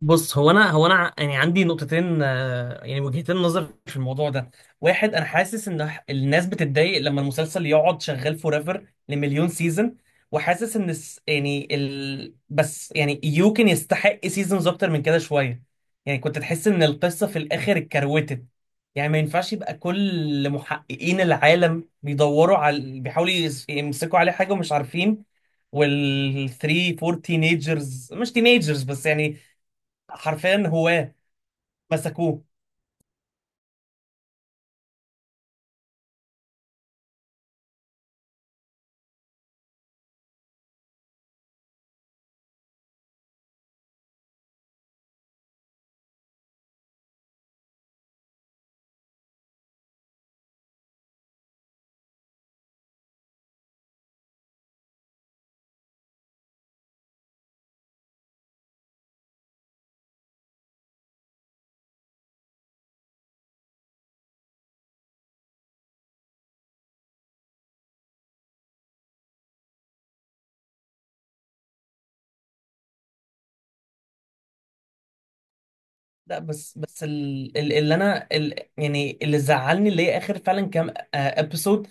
بص، يعني عندي نقطتين، يعني وجهتين نظر في الموضوع ده. واحد، انا حاسس ان الناس بتتضايق لما المسلسل يقعد شغال فور ايفر لمليون سيزون. وحاسس ان الس- يعني ال... بس يعني يو كان يستحق سيزونز اكتر من كده شويه. يعني كنت تحس ان القصه في الاخر اتكروتت. يعني ما ينفعش يبقى كل محققين العالم بيدوروا على بيحاولوا يمسكوا عليه حاجه ومش عارفين. والثري فور تينيجرز مش تينيجرز، بس يعني حرفيا هواه مسكوه. لا، بس ال- ال- اللي انا ال- يعني اللي زعلني اللي هي اخر فعلا كام ابيسود.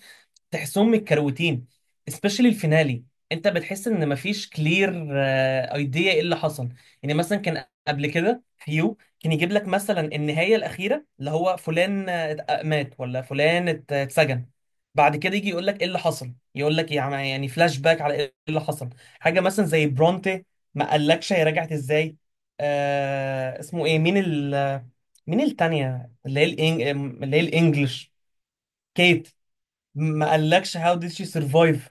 تحسهم متكروتين، especially الفينالي. انت بتحس ان مفيش كلير ايديا ايه اللي حصل. يعني مثلا كان قبل كده فيو كان يجيب لك مثلا النهايه الاخيره اللي هو فلان مات، ولا فلان اتسجن. بعد كده يجي يقول لك ايه اللي حصل، يقول لك يعني فلاش باك على ايه اللي حصل. حاجه مثلا زي برونتي، ما قالكش هي رجعت ازاي؟ اسمه ايه؟ مين التانية، اللي هي اللي هي الانجليش، كيت. ما قالكش هاو ديد شي سرفايف؟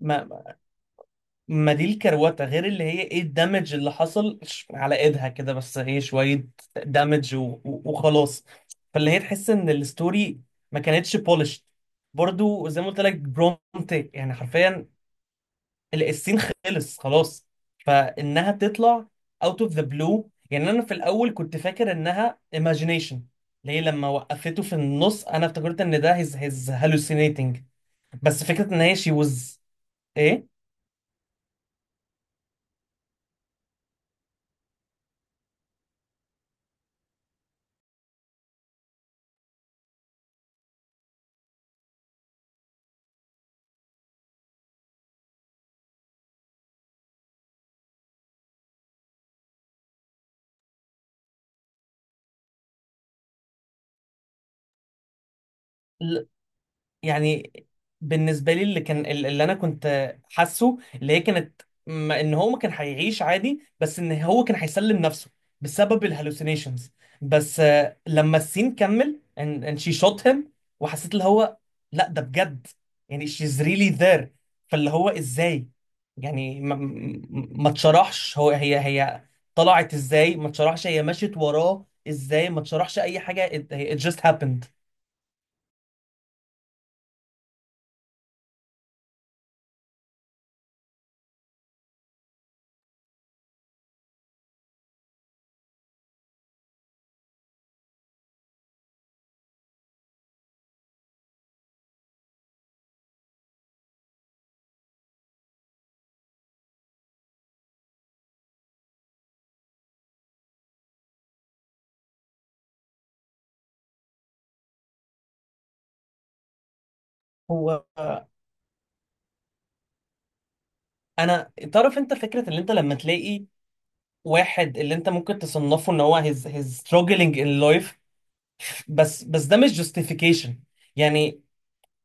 ما ما دي الكروته، غير اللي هي ايه الدمج اللي حصل على ايدها كده، بس هي شويه دمج وخلاص. فاللي هي تحس ان الستوري ما كانتش بولش. برضو زي ما قلت لك برومت يعني حرفيا، السين خلص خلاص، فانها تطلع اوت اوف ذا بلو. يعني انا في الاول كنت فاكر انها ايماجينيشن، ليه لما وقفته في النص انا افتكرت ان ده هيز هالوسينيتنج. بس فكره ان هي شي وز ايه يعني. بالنسبه لي، اللي كان اللي انا كنت حاسه اللي هي كانت ان هو ما كان هيعيش عادي، بس ان هو كان هيسلم نفسه بسبب الهلوسينيشنز. بس لما السين كمل and she shot him، وحسيت اللي هو لا ده بجد، يعني she's really there. فاللي هو ازاي؟ يعني ما اتشرحش، هو هي هي طلعت ازاي ما اتشرحش، هي مشيت وراه ازاي ما اتشرحش، اي حاجه it just happened. هو انا تعرف، انت فكره ان انت لما تلاقي واحد اللي انت ممكن تصنفه ان هو هيز struggling in life، بس ده مش justification يعني.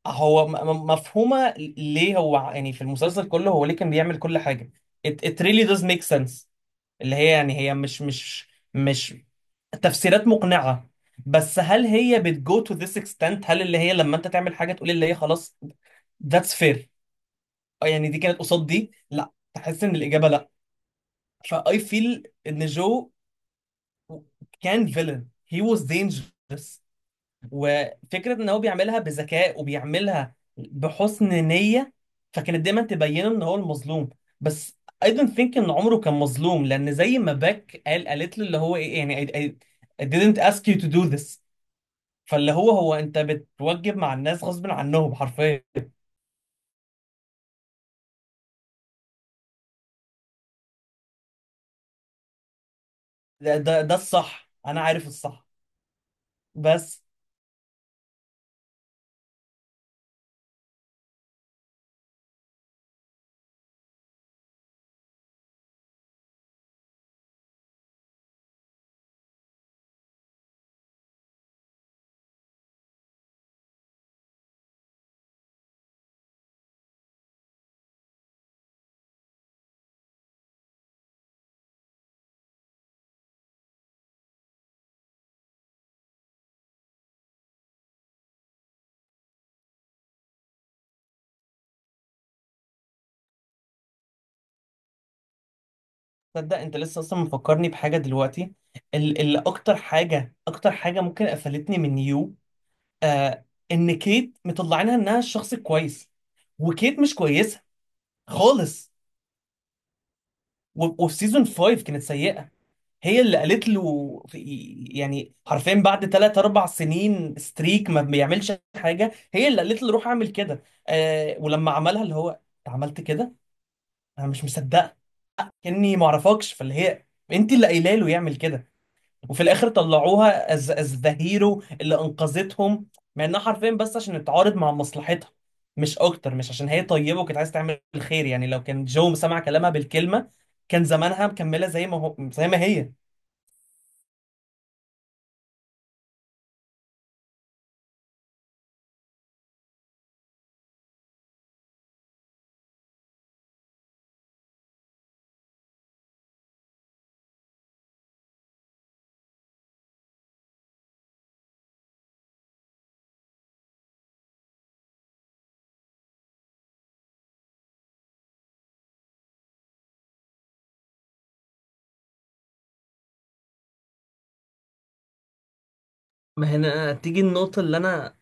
هو مفهومه ليه، هو يعني في المسلسل كله هو ليه كان بيعمل كل حاجه، it really does make sense. اللي هي يعني هي مش تفسيرات مقنعه. بس هل هي بتجو to this extent؟ هل اللي هي لما انت تعمل حاجه تقول اللي هي خلاص that's fair؟ يعني دي كانت قصاد دي، لا، تحس ان الاجابه لا. فاي فيل ان جو كان فيلن، هي واز دينجرس. وفكره ان هو بيعملها بذكاء وبيعملها بحسن نيه، فكانت دايما تبينه ان هو المظلوم. بس I don't think ان عمره كان مظلوم، لان زي ما باك قال، قالت له اللي هو ايه يعني، I didn't ask you to do this. فاللي هو، هو انت بتوجب مع الناس غصب عنهم حرفيا. ده الصح، انا عارف الصح. بس تصدق انت لسه اصلا مفكرني بحاجه دلوقتي، اللي اكتر حاجه، ممكن قفلتني من يو، آه ان كيت مطلعينها انها الشخص الكويس، وكيت مش كويسه خالص. وفي سيزون 5 كانت سيئه. هي اللي قالت له، في، يعني حرفيا بعد 3 4 سنين ستريك ما بيعملش حاجه، هي اللي قالت له روح اعمل كده. آه، ولما عملها اللي هو انت عملت كده؟ انا مش مصدقه، كاني ما اعرفكش. فاللي هي انت اللي قايله له يعمل كده، وفي الاخر طلعوها از ذا هيرو اللي انقذتهم، مع انها حرفيا بس عشان تتعارض مع مصلحتها، مش اكتر. مش عشان هي طيبه وكانت عايزه تعمل الخير. يعني لو كان جو سمع كلامها بالكلمه، كان زمانها مكمله زي ما هو، زي ما هي. ما هنا تيجي النقطة، اللي أنا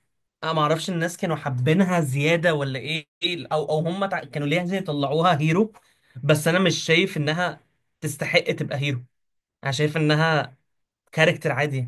انا ما اعرفش الناس كانوا حابينها زياده ولا ايه، او هم كانوا ليه عايزين يطلعوها هيرو. بس انا مش شايف انها تستحق تبقى هيرو، انا شايف انها كاركتر عادي.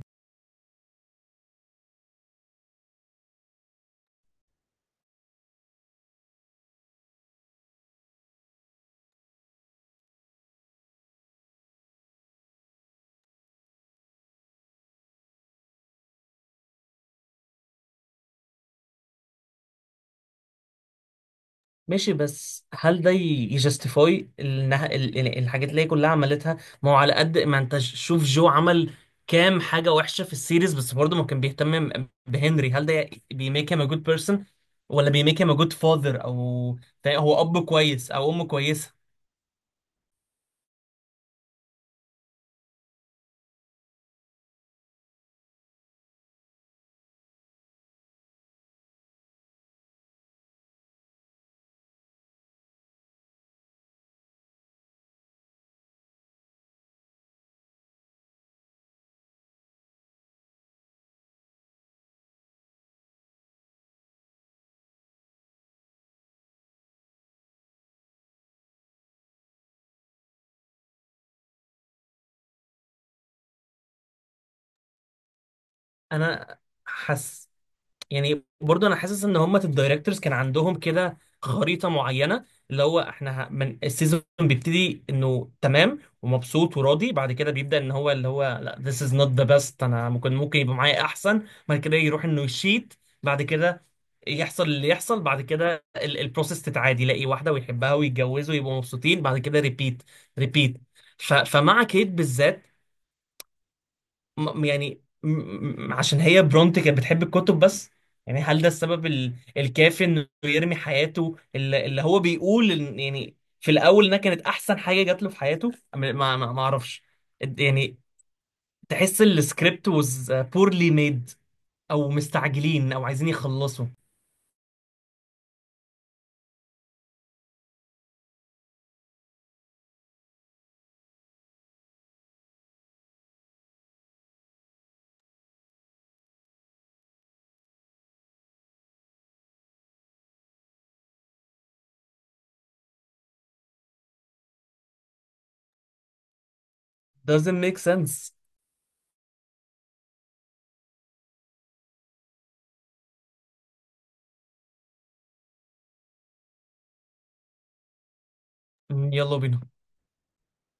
ماشي، بس هل ده يجستيفاي الحاجات اللي هي كلها عملتها؟ ما هو على قد ما انت شوف جو عمل كام حاجة وحشة في السيريز، بس برضه ما كان بيهتم بهنري. هل ده بيميك هيم ا جود بيرسون، ولا بيميك هيم ا جود فاذر؟ او هو اب كويس او ام كويسة. انا حاسس، يعني برضه انا حاسس ان هم الدايركتورز كان عندهم كده خريطه معينه، اللي هو احنا من السيزون بيبتدي انه تمام ومبسوط وراضي، بعد كده بيبدا ان هو اللي هو لا this is not the best، انا ممكن يبقى معايا احسن. بعد كده يروح انه يشيت. بعد كده يحصل اللي يحصل، بعد كده البروسيس تتعادي، يلاقي واحده ويحبها ويتجوزوا ويبقوا مبسوطين. بعد كده ريبيت، ريبيت. فمع كيت بالذات، عشان هي برونت كانت بتحب الكتب بس. يعني هل ده السبب الكافي انه يرمي حياته؟ اللي هو بيقول يعني في الاول انها كانت احسن حاجه جات له في حياته، ما اعرفش يعني. تحس السكريبت was poorly made، او مستعجلين او عايزين يخلصوا. Doesn't make sense. يلا بينا.